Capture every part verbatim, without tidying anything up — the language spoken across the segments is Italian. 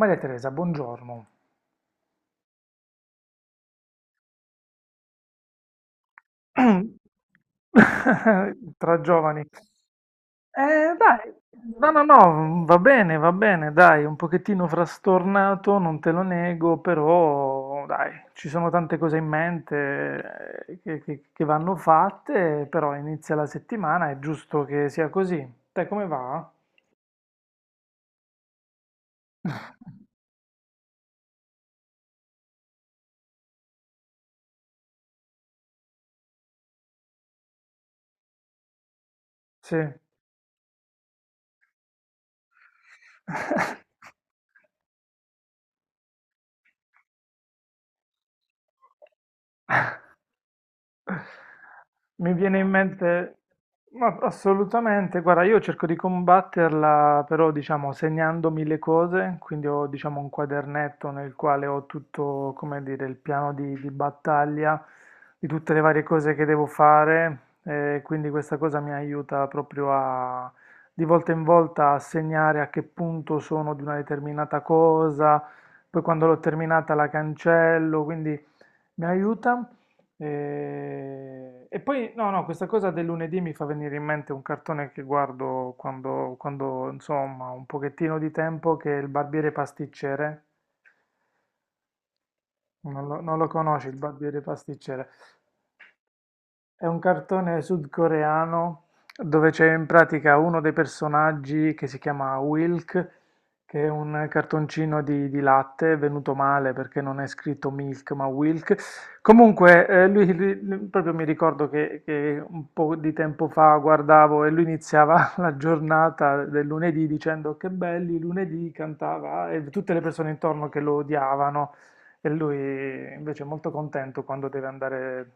Maria Teresa, buongiorno. Tra giovani. Eh, dai, no, no, no, va bene, va bene, dai, un pochettino frastornato, non te lo nego, però dai, ci sono tante cose in mente eh, che, che- che vanno fatte, però inizia la settimana, è giusto che sia così. Te come va? Sì. Mi viene in mente, ma assolutamente, guarda, io cerco di combatterla però diciamo segnandomi le cose, quindi ho diciamo un quadernetto nel quale ho tutto, come dire, il piano di, di battaglia di tutte le varie cose che devo fare, eh, quindi questa cosa mi aiuta proprio a di volta in volta a segnare a che punto sono di una determinata cosa, poi quando l'ho terminata la cancello, quindi mi aiuta. E... e poi, no, no, questa cosa del lunedì mi fa venire in mente un cartone che guardo quando, quando insomma, ho un pochettino di tempo, che è il barbiere pasticcere. Non lo, non lo conosci il barbiere pasticcere? È un cartone sudcoreano dove c'è in pratica uno dei personaggi che si chiama Wilk, che è un cartoncino di, di latte, è venuto male perché non è scritto Milk ma Wilk. Comunque, eh, lui, lui- lui- proprio mi ricordo che, che un po' di tempo fa guardavo e lui iniziava la giornata del lunedì dicendo che belli lunedì, cantava e tutte le persone intorno che lo odiavano. E lui invece è molto contento quando deve andare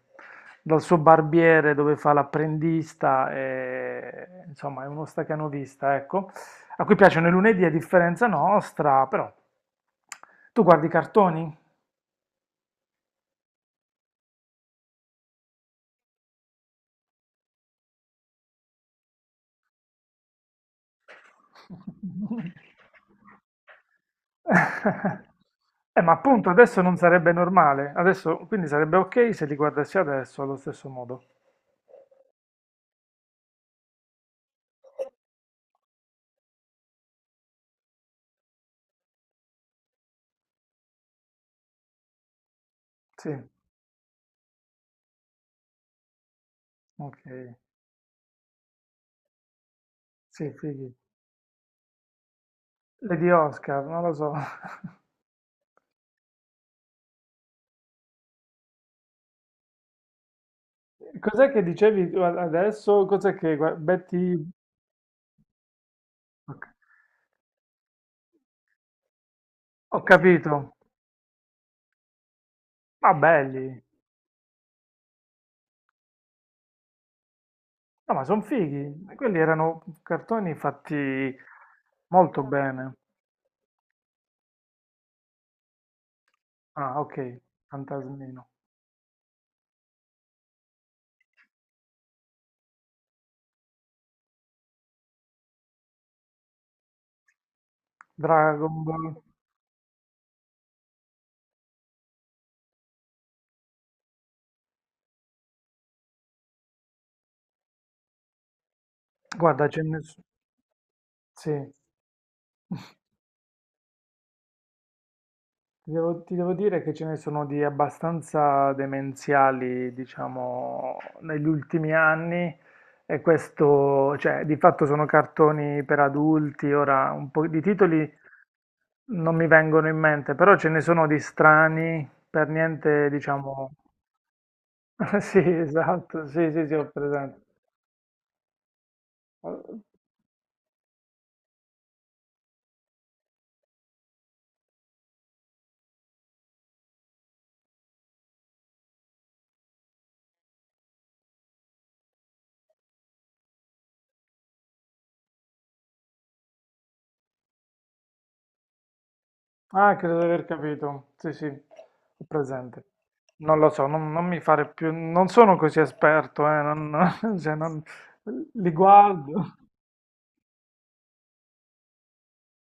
dal suo barbiere dove fa l'apprendista, e, insomma è uno stacanovista, ecco, a cui piacciono i lunedì a differenza nostra, però tu guardi i cartoni? Eh, ma appunto adesso non sarebbe normale, adesso quindi sarebbe ok se li guardassi adesso allo stesso modo. Sì, ok, sì, fighi. Lady Oscar, non lo so. Cos'è che dicevi tu a- adesso? Cos'è che gua- Betty... ok. Ho capito. Ma belli. No, ma sono fighi. Quelli erano cartoni fatti molto bene. Ah, ok. Fantasmino. Dragon Ball. Guarda, ce ne sono... Sì. Ti devo, ti devo dire che ce ne sono di abbastanza demenziali, diciamo, negli ultimi anni. E questo, cioè, di fatto sono cartoni per adulti, ora un po' di titoli non mi vengono in mente, però ce ne sono di strani, per niente, diciamo. Sì, esatto, sì, sì, sì, ho presente. Ah, credo di aver capito. Sì, sì, ho presente. Non lo so, non, non mi fare più, non sono così esperto, eh, non, cioè, non- li guardo,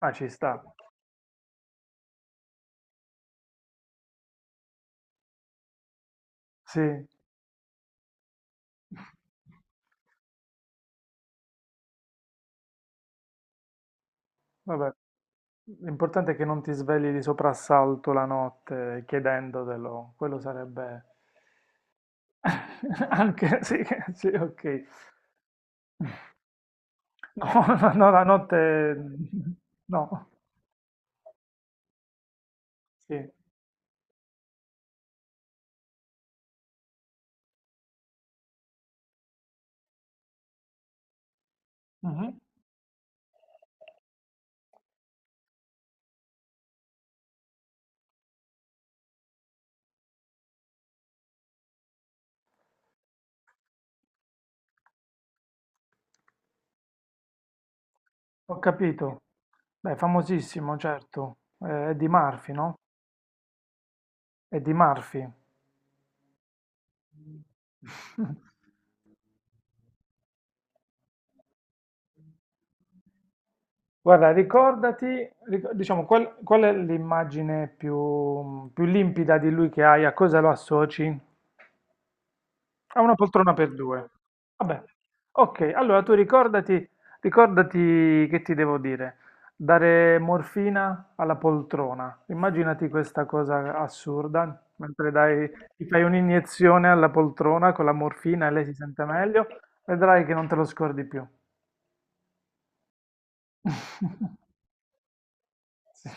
ma ci sta. Sì. Vabbè, l'importante è che non ti svegli di soprassalto la notte chiedendotelo, quello sarebbe anche sì, sì, ok. No, no, la notte no, sì. Mhm. Ho capito. Beh, famosissimo, certo. Eh, È di Murphy, no? È di Murphy. Guarda, ricordati, ric- diciamo, qual, qual è l'immagine più, più limpida di lui che hai? A cosa lo associ? A una poltrona per due. Vabbè, ok, allora tu ricordati, ricordati che ti devo dire, dare morfina alla poltrona. Immaginati questa cosa assurda, mentre dai, ti fai un'iniezione alla poltrona con la morfina e lei si sente meglio, vedrai che non te lo scordi più. Sì.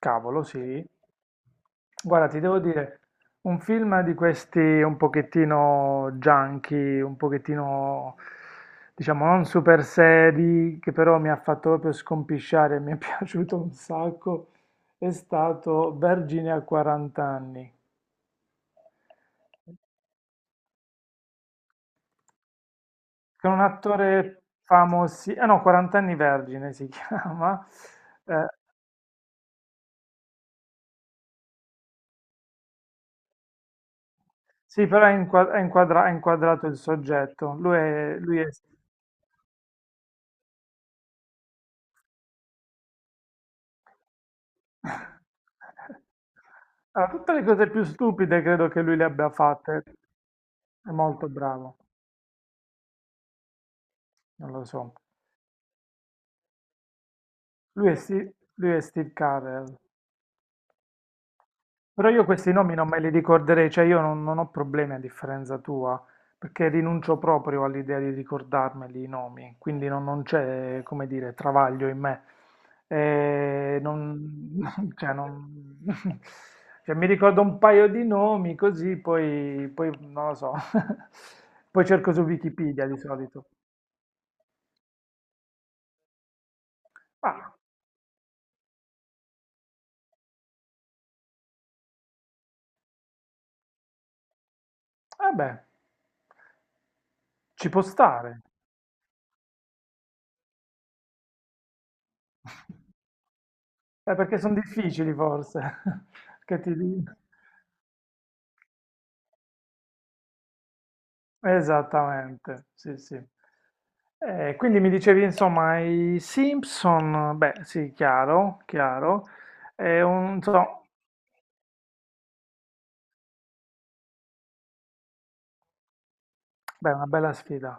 Cavolo, sì. Guarda, ti devo dire, un film di questi un pochettino junky, un pochettino, diciamo, non super seri, che però mi ha fatto proprio scompisciare, mi è piaciuto un sacco, è stato Vergine a quaranta anni, con un attore famoso, eh no, quaranta anni Vergine si chiama, eh, sì, però è, inqua- è inquadra- è inquadrato il soggetto, lui è, lui è Allora, tutte le cose più stupide credo che lui le abbia fatte. È molto bravo, non lo so. Lui è, Steve, lui è Steve Carell. Però io questi nomi non me li ricorderei, cioè io non, non ho problemi a differenza tua, perché rinuncio proprio all'idea di ricordarmeli i nomi, quindi non, non c'è, come dire, travaglio in me. Eh, non- cioè, non- cioè, mi ricordo un paio di nomi così, poi, poi non lo so, poi cerco su Wikipedia di solito. Ma, vabbè, ci può stare. Eh, perché sono difficili forse, che ti dico. Esattamente, sì, sì. Eh, quindi mi dicevi, insomma, i Simpson, beh, sì, chiaro, chiaro, è un, insomma, beh, una bella sfida.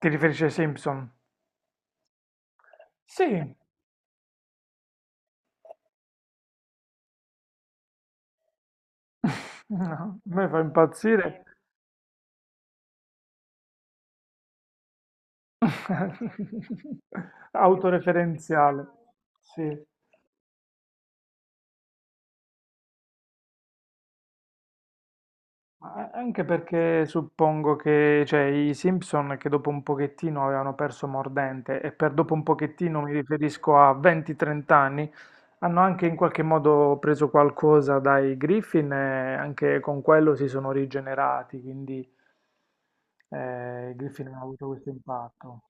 Ti riferisci ai Simpson? Sì. No, mi fa impazzire. Autoreferenziale, sì. Ma a- anche perché suppongo che, cioè, i Simpson che dopo un pochettino avevano perso mordente, e per dopo un pochettino mi riferisco a venti a trenta anni, hanno anche in qualche modo preso qualcosa dai Griffin e anche con quello si sono rigenerati, quindi eh, i Griffin hanno avuto questo impatto.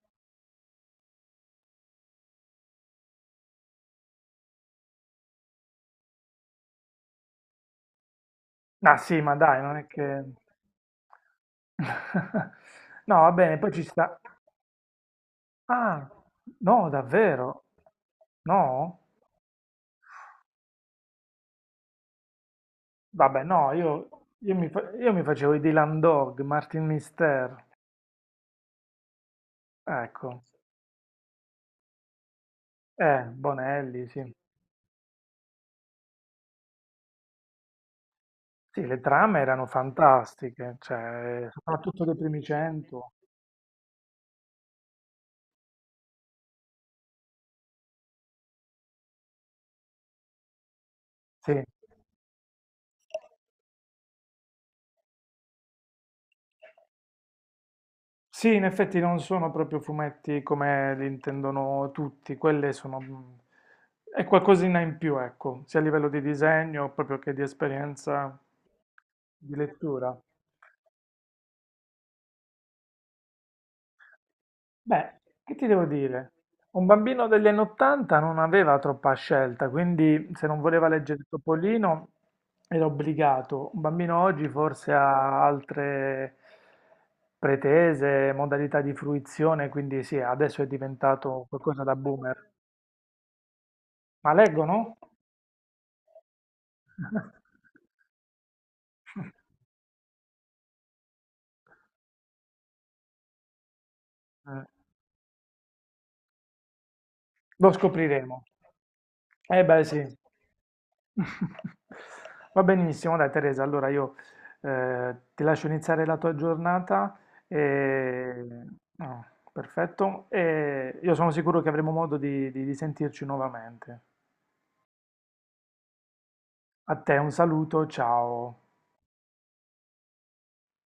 Ah sì, ma dai, non è che... No, va bene, poi ci sta... Ah, no, davvero? No? Vabbè, no, io, io mi, fa- io mi facevo i Dylan Dog, Martin Mister, ecco. Eh, Bonelli, sì. Sì, le trame erano fantastiche, cioè, soprattutto dei primi cento. Sì. Sì, in effetti non sono proprio fumetti come li intendono tutti, quelle sono... mh, è qualcosina in più, ecco, sia a livello di disegno proprio che di esperienza di lettura. Beh, che ti devo dire? Un bambino degli anni ottanta non aveva troppa scelta, quindi se non voleva leggere Topolino era obbligato. Un bambino oggi forse ha altre pretese, modalità di fruizione, quindi sì, adesso è diventato qualcosa da boomer. Ma leggono? Eh. Lo scopriremo. Eh beh, sì. Va benissimo, dai Teresa, allora io eh, ti lascio iniziare la tua giornata e... no, perfetto, e io sono sicuro che avremo modo di di- di sentirci nuovamente. A te un saluto, ciao.